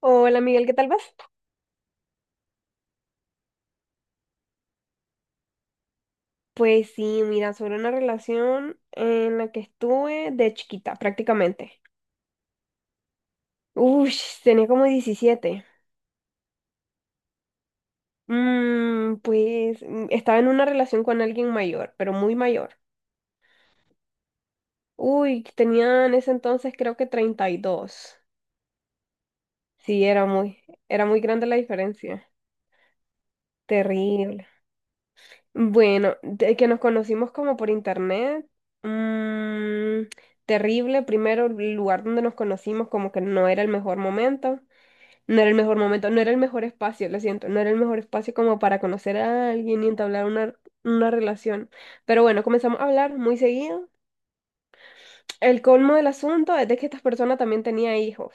Hola Miguel, ¿qué tal vas? Pues sí, mira, sobre una relación en la que estuve de chiquita, prácticamente. Uy, tenía como 17. Estaba en una relación con alguien mayor, pero muy mayor. Uy, tenía en ese entonces creo que 32. Sí, era muy grande la diferencia. Terrible. Bueno, de que nos conocimos como por internet. mm, Terrible. Primero, el lugar donde nos conocimos como que no era el mejor momento, no era el mejor momento, no era el mejor espacio, lo siento, no era el mejor espacio como para conocer a alguien y entablar una relación. Pero bueno, comenzamos a hablar muy seguido. El colmo del asunto es de que esta persona también tenía hijos.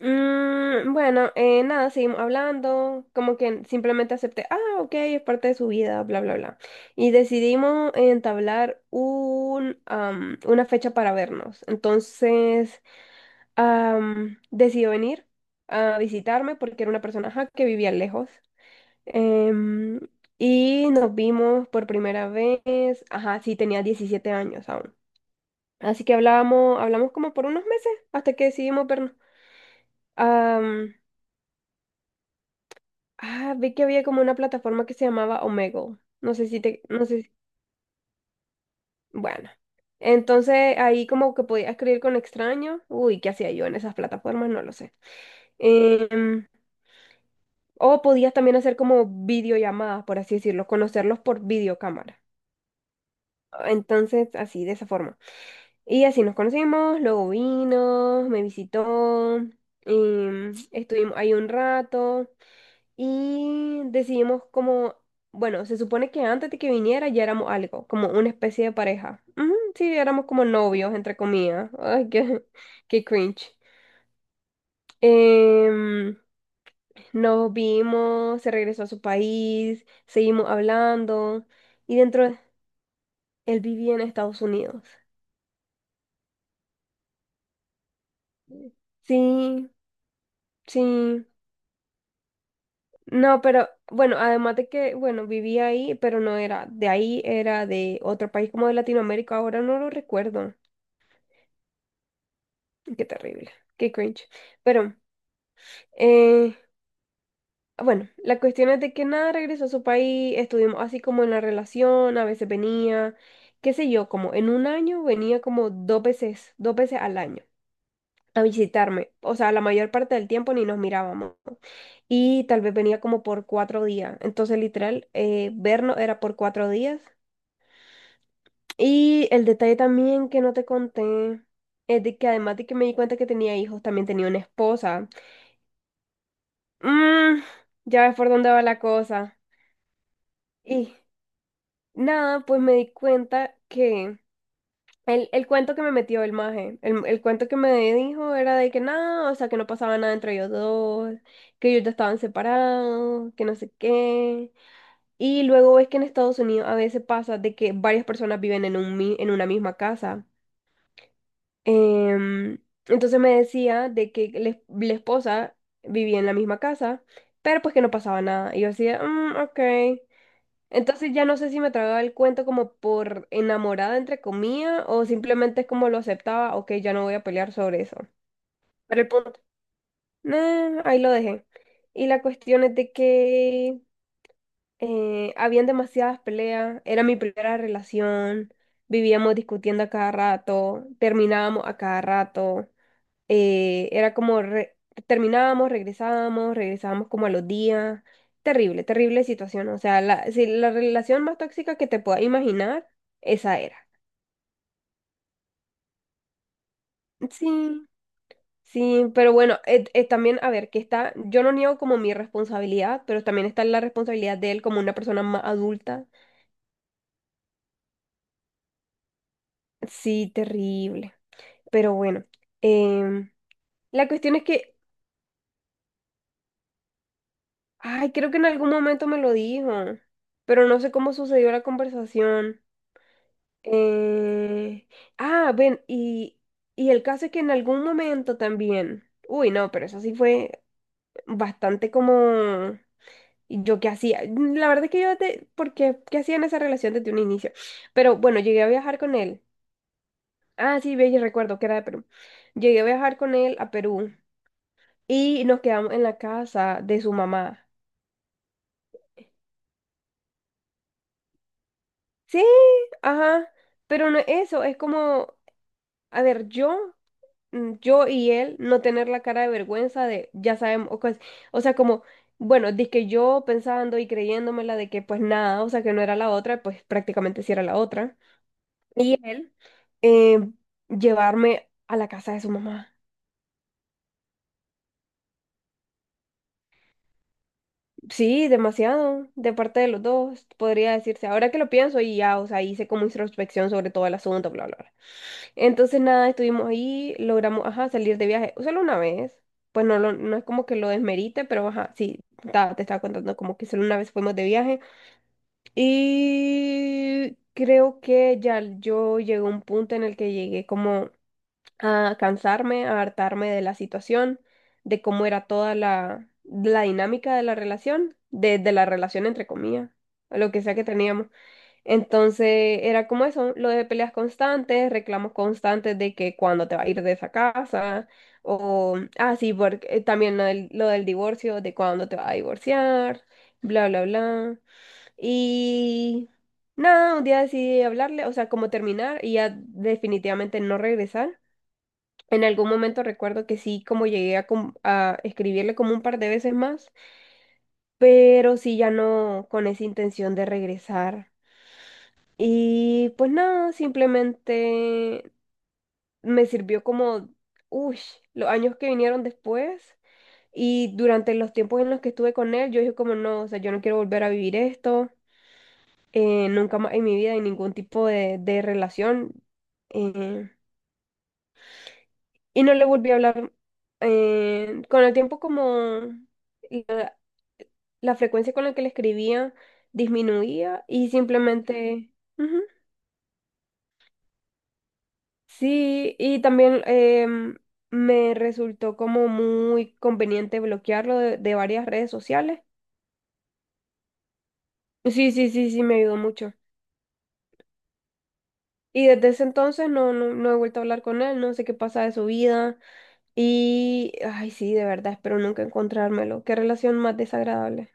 Bueno, nada, seguimos hablando, como que simplemente acepté, ah, ok, es parte de su vida, bla, bla, bla. Y decidimos entablar una fecha para vernos. Entonces, decidió venir a visitarme porque era una persona ajá, que vivía lejos. Em, y nos vimos por primera vez, ajá, sí, tenía 17 años aún. Así que hablábamos, hablamos como por unos meses hasta que decidimos vernos. Ah, vi que había como una plataforma que se llamaba Omegle. No sé si te, no sé si- Bueno. Entonces ahí como que podía escribir con extraños. Uy, ¿qué hacía yo en esas plataformas? No lo sé. Em, o podías también hacer como videollamadas, por así decirlo, conocerlos por videocámara. Entonces, así, de esa forma. Y así nos conocimos, luego vino, me visitó. Estuvimos ahí un rato. Y decidimos como, bueno, se supone que antes de que viniera ya éramos algo, como una especie de pareja. Ujú, sí, éramos como novios, entre comillas. Ay, qué cringe. Em, Nos vimos, se regresó a su país, seguimos hablando y dentro de- él vivía en Estados Unidos. Sí, sí. No, pero bueno, además de que, bueno, vivía ahí, pero no era de ahí, era de otro país como de Latinoamérica, ahora no lo recuerdo. Qué terrible, qué cringe. Pero, eh, bueno, la cuestión es de que nada, regresó a su país, estuvimos así como en la relación, a veces venía, qué sé yo, como en un año venía como dos veces al año a visitarme. O sea, la mayor parte del tiempo ni nos mirábamos. Y tal vez venía como por 4 días. Entonces, literal, vernos era por 4 días. Y el detalle también que no te conté es de que además de que me di cuenta que tenía hijos, también tenía una esposa. Mm, ya ves por dónde va la cosa. Y nada, pues me di cuenta que el cuento que me metió el maje, el cuento que me dijo era de que nada, o sea, que no pasaba nada entre ellos dos, que ellos ya estaban separados, que no sé qué. Y luego ves que en Estados Unidos a veces pasa de que varias personas viven en una misma casa. Em, entonces me decía de que la esposa vivía en la misma casa. Pero pues que no pasaba nada. Y yo decía, ok. Entonces ya no sé si me tragaba el cuento como por enamorada, entre comillas, o simplemente es como lo aceptaba, ok, ya no voy a pelear sobre eso. Pero el punto, nah, ahí lo dejé. Y la cuestión es de que habían demasiadas peleas, era mi primera relación, vivíamos discutiendo a cada rato, terminábamos a cada rato, eh, era como re- terminábamos, regresábamos, regresábamos como a los días. Terrible, terrible situación. O sea, si la relación más tóxica que te puedas imaginar, esa era. Sí, sí, pero bueno, también, a ver, que está, yo no niego como mi responsabilidad, pero también está la responsabilidad de él como una persona más adulta. Sí, terrible. Pero bueno, em, la cuestión es que, ay, creo que en algún momento me lo dijo, pero no sé cómo sucedió la conversación. Eh, Ven, y el caso es que en algún momento también, uy, no, pero eso sí fue bastante como, ¿y yo qué hacía? La verdad es que yo, de, porque, ¿qué hacía en esa relación desde un inicio? Pero bueno, llegué a viajar con él. Ah, sí, ve, yo recuerdo que era de Perú. Llegué a viajar con él a Perú y nos quedamos en la casa de su mamá. Sí, ajá, pero no es eso, es como, a ver, yo... yo y él no tener la cara de vergüenza de, ya sabemos, o, o sea, como, bueno, que yo pensando y creyéndomela de que pues nada, o sea, que no era la otra, pues prácticamente sí era la otra. Y él eh, llevarme a la casa de su mamá. Sí, demasiado, de parte de los dos, podría decirse. Ahora que lo pienso y ya, o sea, hice como introspección sobre todo el asunto, bla, bla, bla. Entonces nada, estuvimos ahí, logramos, ajá, salir de viaje solo una vez. Pues no, no es como que lo desmerite, pero ajá, sí, te estaba contando como que solo una vez fuimos de viaje. Y creo que ya yo llegué a un punto en el que llegué como a cansarme, a hartarme de la situación, de cómo era toda la dinámica de la relación, de la relación entre comillas, o lo que sea que teníamos. Entonces era como eso, lo de peleas constantes, reclamos constantes de que cuándo te va a ir de esa casa, o, ah, sí, porque, también lo del divorcio, de cuándo te vas a divorciar, bla, bla, bla. Y nada, un día decidí hablarle, o sea, como terminar y ya definitivamente no regresar. En algún momento recuerdo que sí, como llegué a escribirle como un par de veces más, pero sí ya no con esa intención de regresar. Y pues nada, simplemente me sirvió como, uy, los años que vinieron después y durante los tiempos en los que estuve con él, yo dije como no, o sea, yo no quiero volver a vivir esto, nunca más en mi vida, en ningún tipo de relación. eh, y no le volví a hablar. Con el tiempo, como la, la frecuencia con la que le escribía disminuía y simplemente... Ujú. Sí, y también me resultó como muy conveniente bloquearlo de varias redes sociales. Sí, sí, sí, sí, me ayudó mucho. Y desde ese entonces no, no, no he vuelto a hablar con él, no sé qué pasa de su vida. Ay, sí, de verdad, espero nunca encontrármelo. Qué relación más desagradable.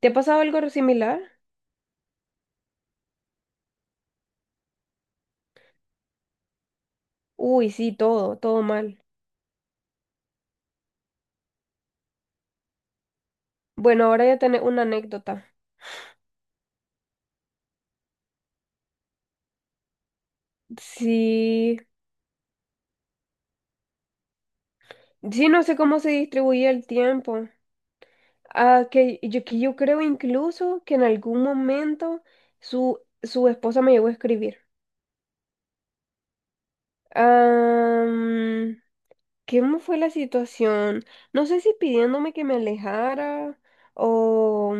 ¿Te ha pasado algo similar? Uy, sí, todo, todo mal. Bueno, ahora ya tenés una anécdota. Sí, sí, no sé cómo se distribuye el tiempo. Ah, que yo creo incluso que en algún momento su esposa me llegó a escribir. Am, ¿Cómo fue la situación? No sé si pidiéndome que me alejara o...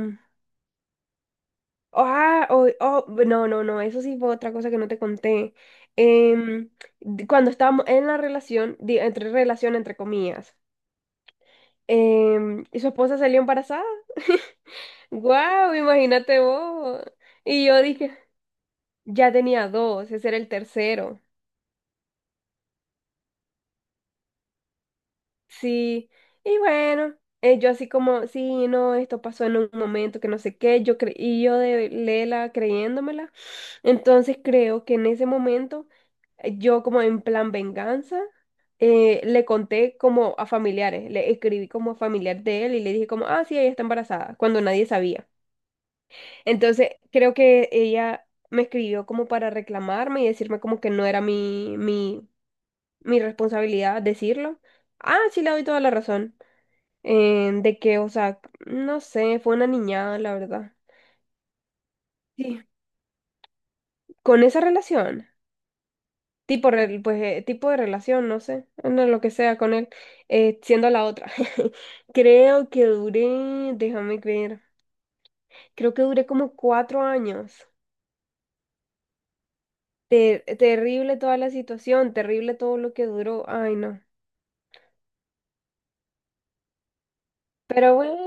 Ah, o, oh, no, no, no, eso sí fue otra cosa que no te conté. Em, Cuando estábamos en la relación, entre relación, entre comillas, y su esposa salió embarazada. ¡Guau! Imagínate vos. Y yo dije, ya tenía dos, ese era el tercero. Sí, y bueno, yo así como, sí, no, esto pasó en un momento que no sé qué, y yo de Lela creyéndomela. Entonces creo que en ese momento, yo como en plan venganza, le conté como a familiares, le escribí como a familiar de él y le dije como, ah, sí, ella está embarazada, cuando nadie sabía. Entonces creo que ella me escribió como para reclamarme y decirme como que no era mi responsabilidad decirlo. Ah, sí, le doy toda la razón. De que, o sea, no sé, fue una niñada, la verdad. Sí, con esa relación, pues, tipo de relación, no sé, no, lo que sea con él, siendo la otra. Creo que duré, déjame ver, creo que duré como 4 años. Terrible toda la situación, terrible todo lo que duró, ay no. Pero bueno.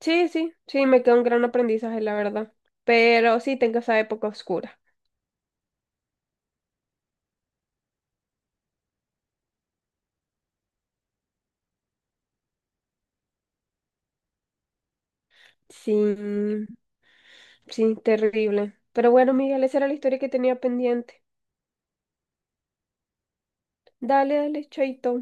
Sí, sí, sí, me quedó un gran aprendizaje, la verdad. Pero sí, tengo esa época oscura. Sí, sí, terrible. Pero bueno, Miguel, esa era la historia que tenía pendiente. Dale, dale, chaito.